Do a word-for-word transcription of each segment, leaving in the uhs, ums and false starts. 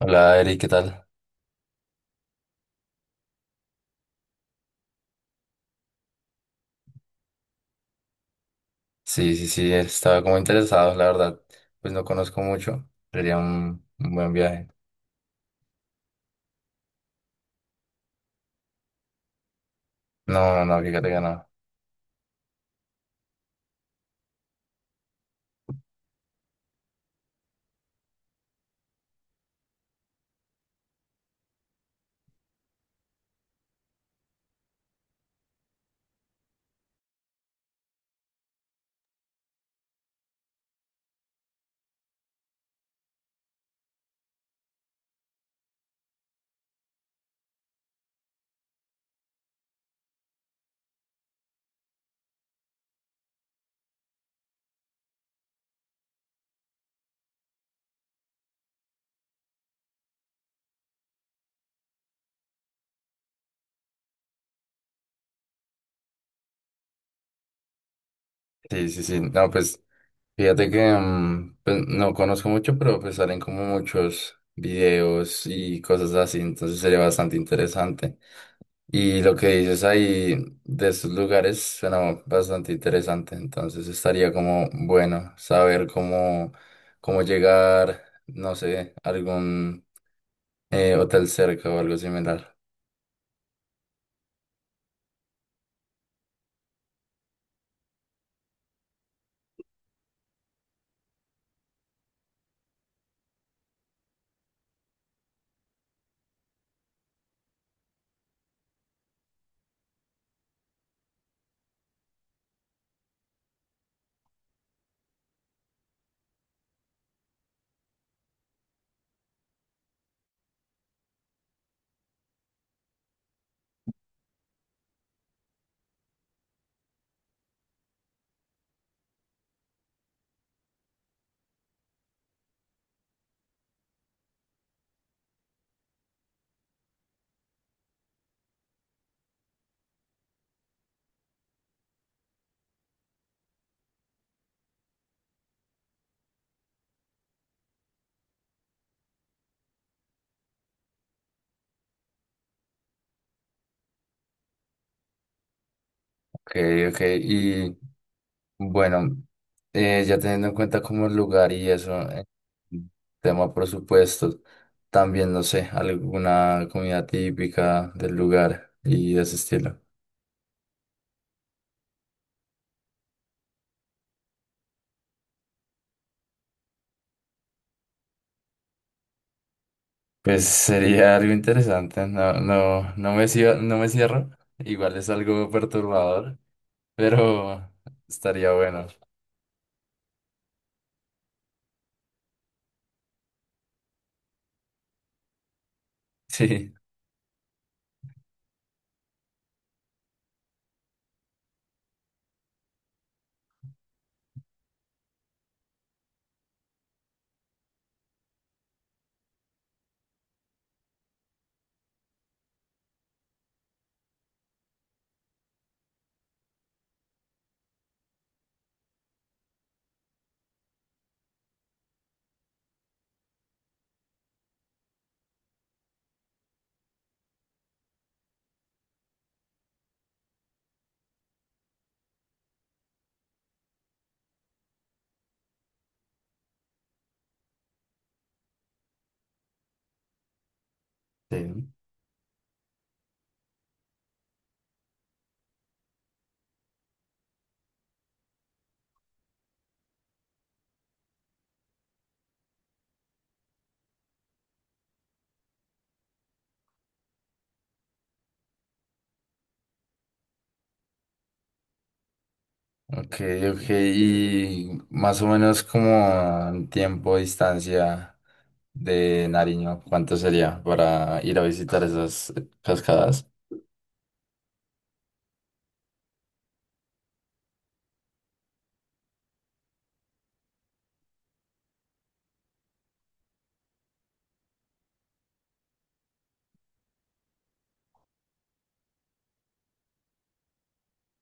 Hola Eri, ¿qué tal? Sí, sí, sí, estaba como interesado, la verdad. Pues no conozco mucho, sería un, un buen viaje. No, no, fíjate que no. Sí, sí, sí, no, pues fíjate que mm, pues, no conozco mucho, pero pues salen como muchos videos y cosas así, entonces sería bastante interesante. Y lo que dices ahí de estos lugares suena bastante interesante, entonces estaría como bueno saber cómo, cómo llegar, no sé, algún Eh, hotel cerca o algo similar. Ok, ok. Y bueno, eh, ya teniendo en cuenta como el lugar y eso, eh, tema presupuesto, también no sé, alguna comida típica del lugar y de ese estilo. Pues sería algo interesante, no, no, no me cierro, no me cierro. Igual es algo perturbador, pero estaría bueno. Sí. Sí. Ok, ok, y más o menos como en tiempo, distancia de Nariño, ¿cuánto sería para ir a visitar esas cascadas?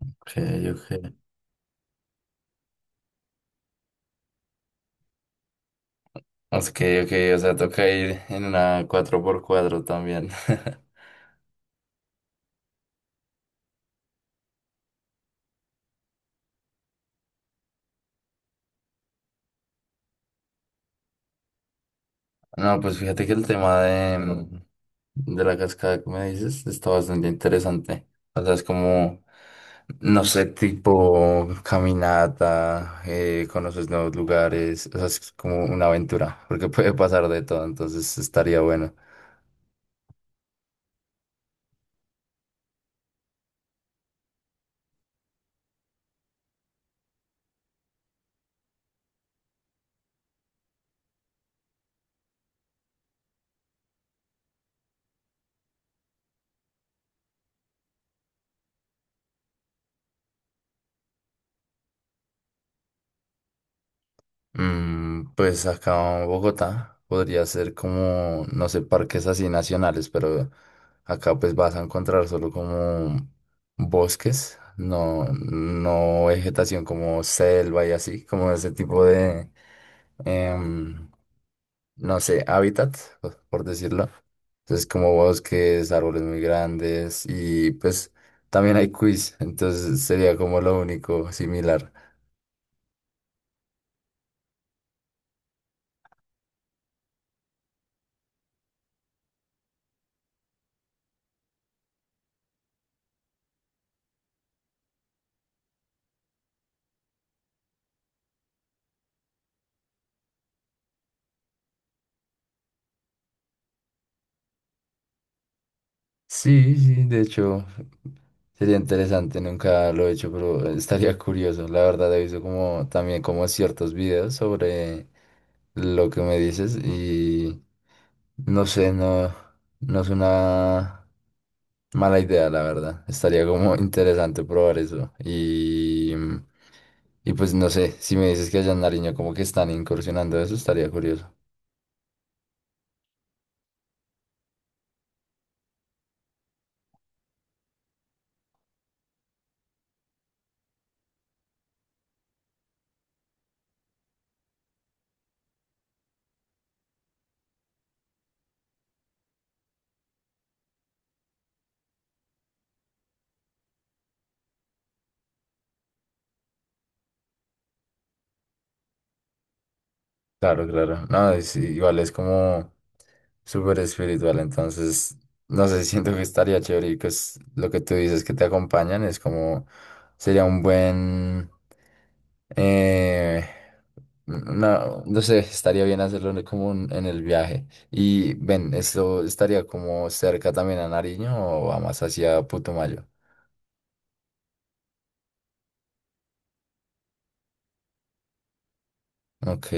Ok, ok. Ok, ok, o sea, toca ir en una cuatro por cuatro también. No, pues fíjate que el tema de, de la cascada que me dices está bastante interesante. O sea, es como no sé, tipo caminata, eh, conoces nuevos lugares, o sea, es como una aventura, porque puede pasar de todo, entonces estaría bueno. Mm, pues acá en Bogotá podría ser como, no sé, parques así nacionales, pero acá pues vas a encontrar solo como bosques, no, no vegetación como selva y así, como ese tipo de, em, no sé, hábitat, por por decirlo. Entonces, como bosques, árboles muy grandes y pues también hay quiz, entonces sería como lo único similar. Sí, sí, de hecho sería interesante, nunca lo he hecho, pero estaría curioso. La verdad he visto como también como ciertos videos sobre lo que me dices y no sé, no, no es una mala idea, la verdad. Estaría como interesante probar eso. Y, y pues no sé, si me dices que allá en Nariño como que están incursionando eso, estaría curioso. Claro, claro. No, es- igual es como súper espiritual, entonces, no sé, siento que estaría chévere y pues lo que tú dices que te acompañan es como, sería un buen, eh, no, no sé, estaría bien hacerlo en el- como un- en el viaje. Y ven, ¿esto estaría como cerca también a Nariño o va más hacia Putumayo? Ok,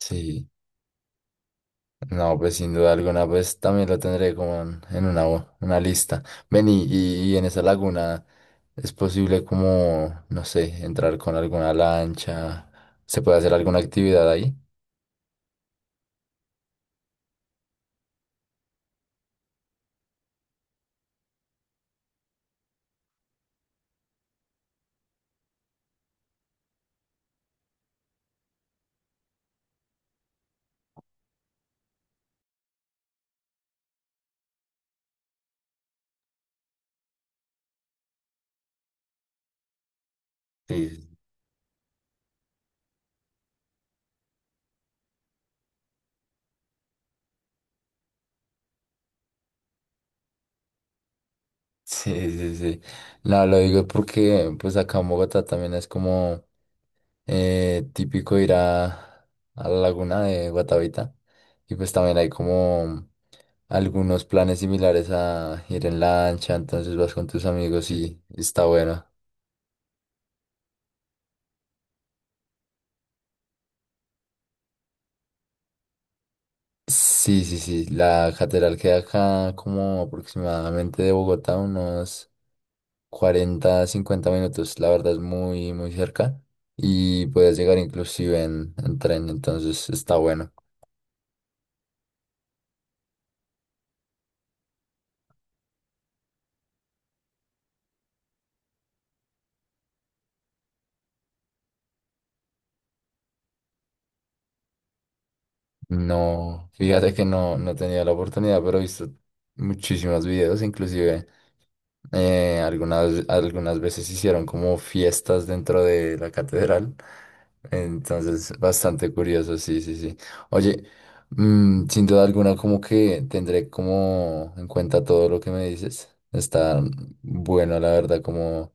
sí. No, pues sin duda alguna, pues también lo tendré como en, en una, una lista. Ven y, y- y en esa laguna es posible como, no sé, entrar con alguna lancha, se puede hacer alguna actividad ahí. Sí, sí, sí, sí. No, lo digo porque pues acá en Bogotá también es como eh, típico ir a, a la laguna de Guatavita y pues también hay como algunos planes similares a ir en lancha, entonces vas con tus amigos y está bueno. Sí, sí, sí. La catedral queda acá como aproximadamente de Bogotá, unos cuarenta, cincuenta minutos. La verdad es muy, muy cerca. Y puedes llegar inclusive en, en tren, entonces está bueno. No, fíjate que no, no he tenido la oportunidad, pero he visto muchísimos videos, inclusive eh, algunas, algunas veces hicieron como fiestas dentro de la catedral. Entonces, bastante curioso, sí, sí, sí. Oye, mm, sin duda alguna, como que tendré como en cuenta todo lo que me dices. Está bueno, la verdad, como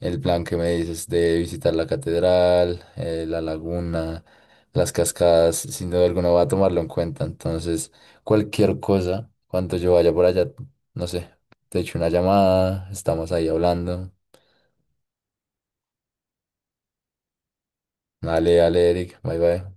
el plan que me dices de visitar la catedral, eh, la laguna. Las cascadas, sin duda alguna, voy a tomarlo en cuenta. Entonces, cualquier cosa, cuando yo vaya por allá, no sé, te echo una llamada, estamos ahí hablando. Dale, dale, Eric, bye bye.